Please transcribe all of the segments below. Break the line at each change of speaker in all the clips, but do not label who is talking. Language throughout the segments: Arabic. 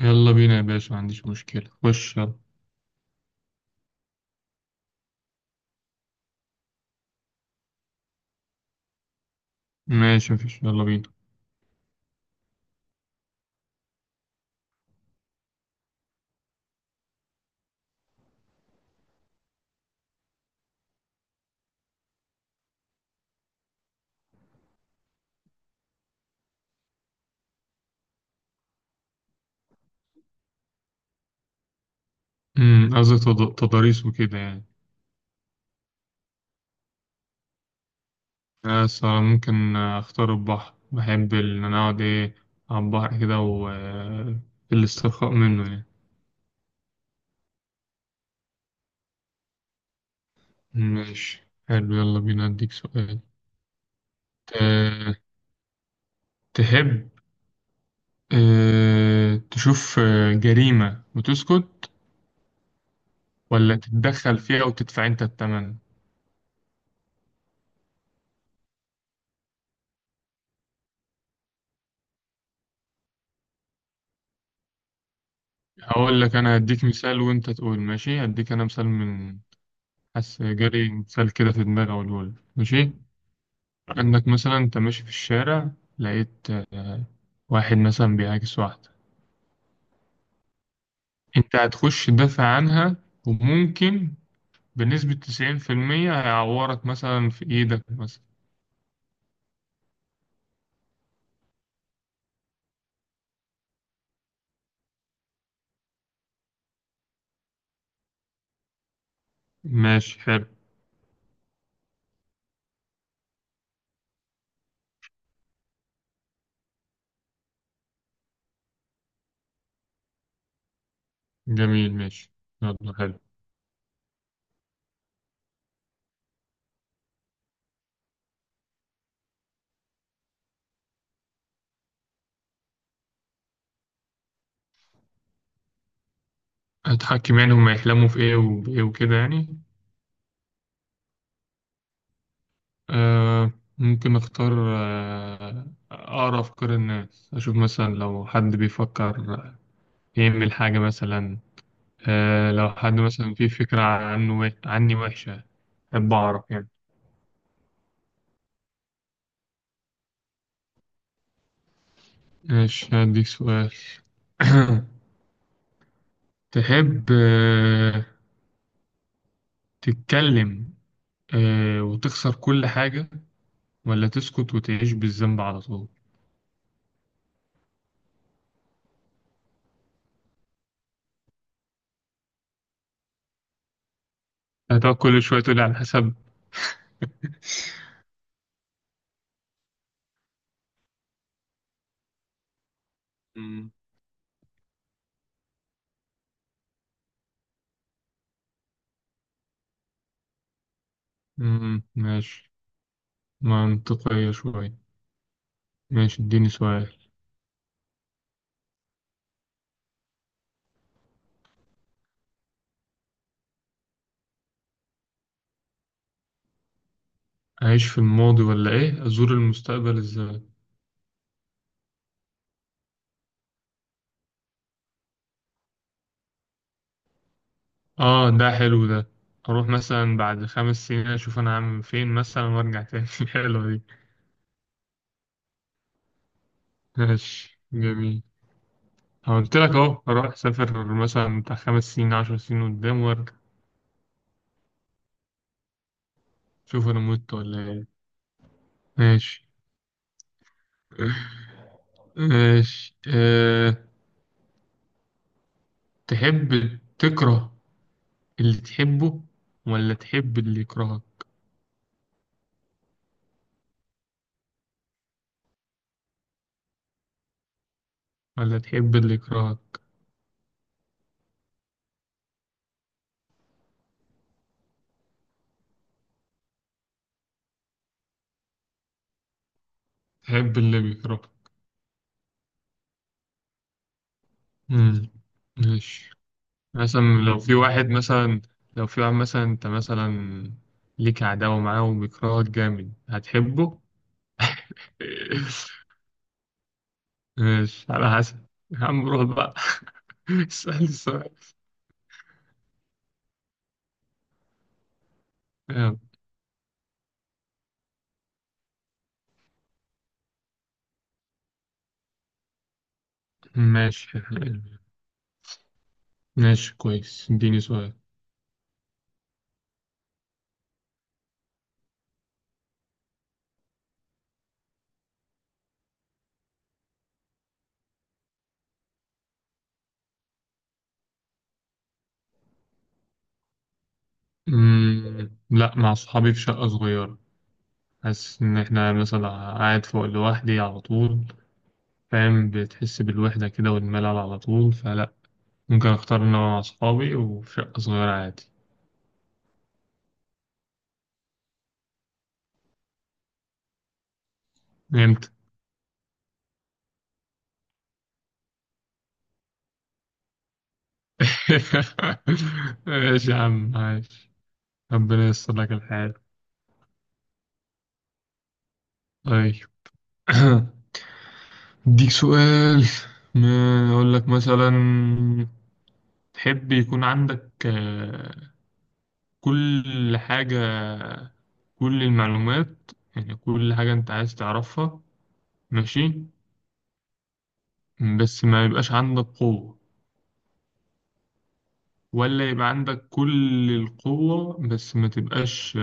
يلا بينا يا باشا، ما عنديش مشكلة. خش يلا. ماشي، مفيش، يلا بينا. قصدي تضاريس وكده يعني. بس ممكن اختار البحر. بحب ان انا اقعد ايه على البحر كده و الاسترخاء منه يعني. ماشي حلو، يلا بينا اديك سؤال. ت- تحب تشوف جريمة وتسكت ولا تتدخل فيها وتدفع انت الثمن؟ هقول لك انا هديك مثال وانت تقول ماشي. هديك انا مثال من، حاسس جالي مثال كده في دماغي أقوله لك، ماشي. عندك مثلا أنت ماشي في الشارع، لقيت واحد مثلا بيعاكس واحدة، أنت هتخش تدافع عنها وممكن بنسبة 90% هيعورك مثلا في إيدك مثلا. ماشي حلو. جميل ماشي. يلا حلو. هتحكم يعني هما يحلموا في إيه وإيه وكده يعني؟ آه. ممكن أختار أقرأ أفكار الناس، أشوف مثلا لو حد بيفكر يعمل حاجة مثلا. آه لو حد مثلا فيه فكرة عنه عني وحشة، أحب أعرف يعني. ماشي، هديك سؤال. تحب آه تتكلم وتخسر كل حاجة، ولا تسكت وتعيش بالذنب على طول؟ هتقعد كل شوية تقولي على حسب. مم. مم، ماشي، منطقية شوية. ماشي اديني سؤال. أعيش في الماضي ولا إيه؟ أزور المستقبل إزاي؟ اه ده حلو ده. اروح مثلا بعد 5 سنين اشوف انا عامل فين مثلا وارجع تاني. حلوة دي. ماشي جميل. قلت لك اهو، اروح اسافر مثلا بتاع 5 سنين 10 سنين قدام وارجع. شوف انا مت ولا ايه. ماشي. ماشي. تحب تكره اللي تحبه، ولا تحب اللي يكرهك؟ ولا تحب اللي يكرهك. تحب اللي بيكرهك. مم. ماشي. مثلا لو في واحد مثلا، انت مثلا ليك عداوة معاه وبيكرهك جامد، هتحبه؟ ماشي، على حسب. يا عم روح بقى. اسأل السؤال. يلا. ماشي. ماشي كويس، اديني سؤال. مم. لا مع صحابي في شقة صغيرة. حاسس إن إحنا مثلا قاعد فوق لوحدي على طول، فاهم؟ بتحس بالوحدة كده والملل على طول، فلا، ممكن أختار إن أنا مع صحابي وفي شقة صغيرة عادي. إمتى؟ ماشي يا عم عايش، ربنا ييسر لك الحال. طيب. اديك سؤال. ما اقول لك مثلا، تحب يكون عندك كل حاجة، كل المعلومات، يعني كل حاجة انت عايز تعرفها، ماشي، بس ما يبقاش عندك قوة، ولا يبقى عندك كل القوة بس ما تبقاش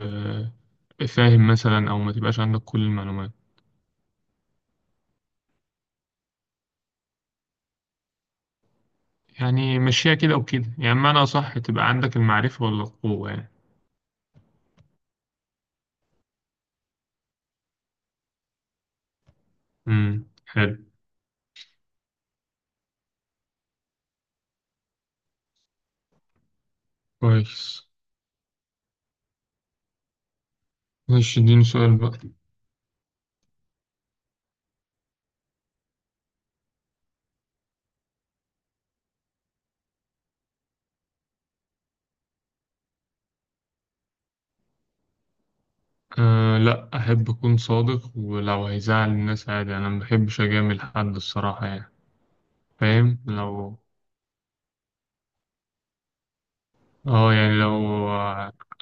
آه، فاهم؟ مثلا او ما تبقاش عندك كل المعلومات. يعني مشيها كده وكده يعني، معنى صح تبقى عندك المعرفة ولا القوة يعني. حلو، كويس. ماشي اديني سؤال بقى. أه لا، أحب أكون صادق ولو هيزعل الناس عادي، أنا ما بحبش أجامل حد الصراحة يعني. فاهم؟ لو، اه يعني لو،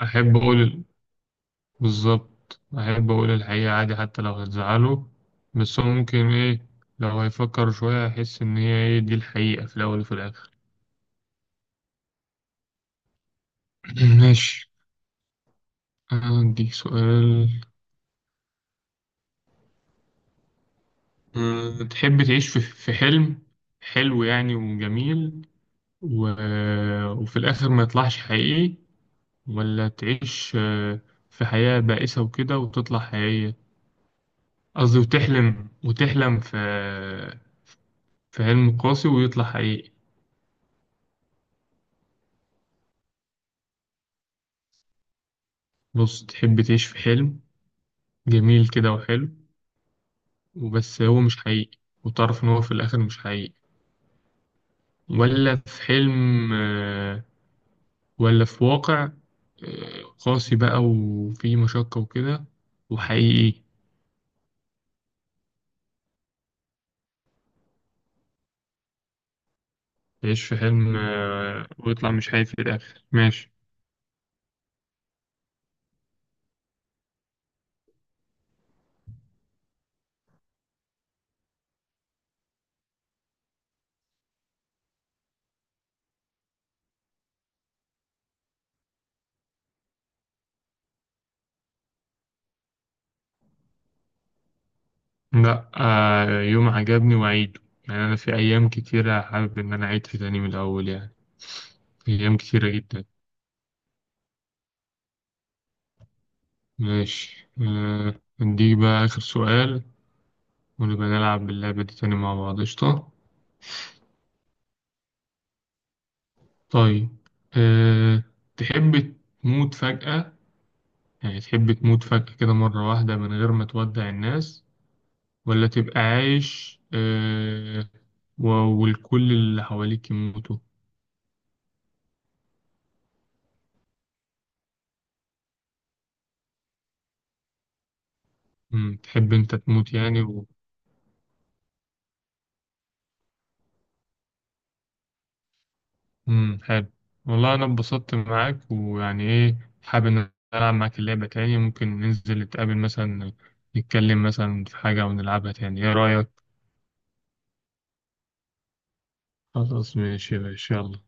أحب أقول، بالظبط أحب أقول الحقيقة عادي حتى لو هتزعله. بس هو ممكن إيه، لو هيفكر شوية هيحس إن هي إيه دي الحقيقة، في الأول وفي الآخر. ماشي، عندي سؤال. أه، تحب تعيش في حلم حلو يعني وجميل و... وفي الآخر ما يطلعش حقيقي، ولا تعيش في حياة بائسة وكده وتطلع حقيقية؟ قصدي وتحلم، وتحلم في في حلم قاسي ويطلع حقيقي. بص، تحب تعيش في حلم جميل كده وحلو، وبس هو مش حقيقي، وتعرف إن هو في الآخر مش حقيقي، ولا في حلم ولا في واقع قاسي بقى وفيه مشقة وكده وحقيقي؟ يعيش في حلم ويطلع مش حقيقي في الآخر، ماشي. لأ يوم عجبني وأعيده، يعني أنا في أيام كتيرة حابب إن أنا أعيد في تاني من الأول يعني، أيام كتيرة جدا. ماشي نديك بقى آخر سؤال، ونبقى نلعب اللعبة دي تاني مع بعض، قشطة. طيب. أه... تحب تموت فجأة، يعني تحب تموت فجأة كده مرة واحدة من غير ما تودع الناس، ولا تبقى عايش و- والكل اللي حواليك يموتوا؟ مم. تحب انت تموت يعني مم. حلو. والله انا اتبسطت معاك، ويعني ايه، حابب ان العب معاك اللعبة تاني، ممكن ننزل نتقابل مثلا نتكلم مثلا في حاجة ونلعبها تاني، ايه رأيك؟ خلاص ماشي يا باشا، يلا.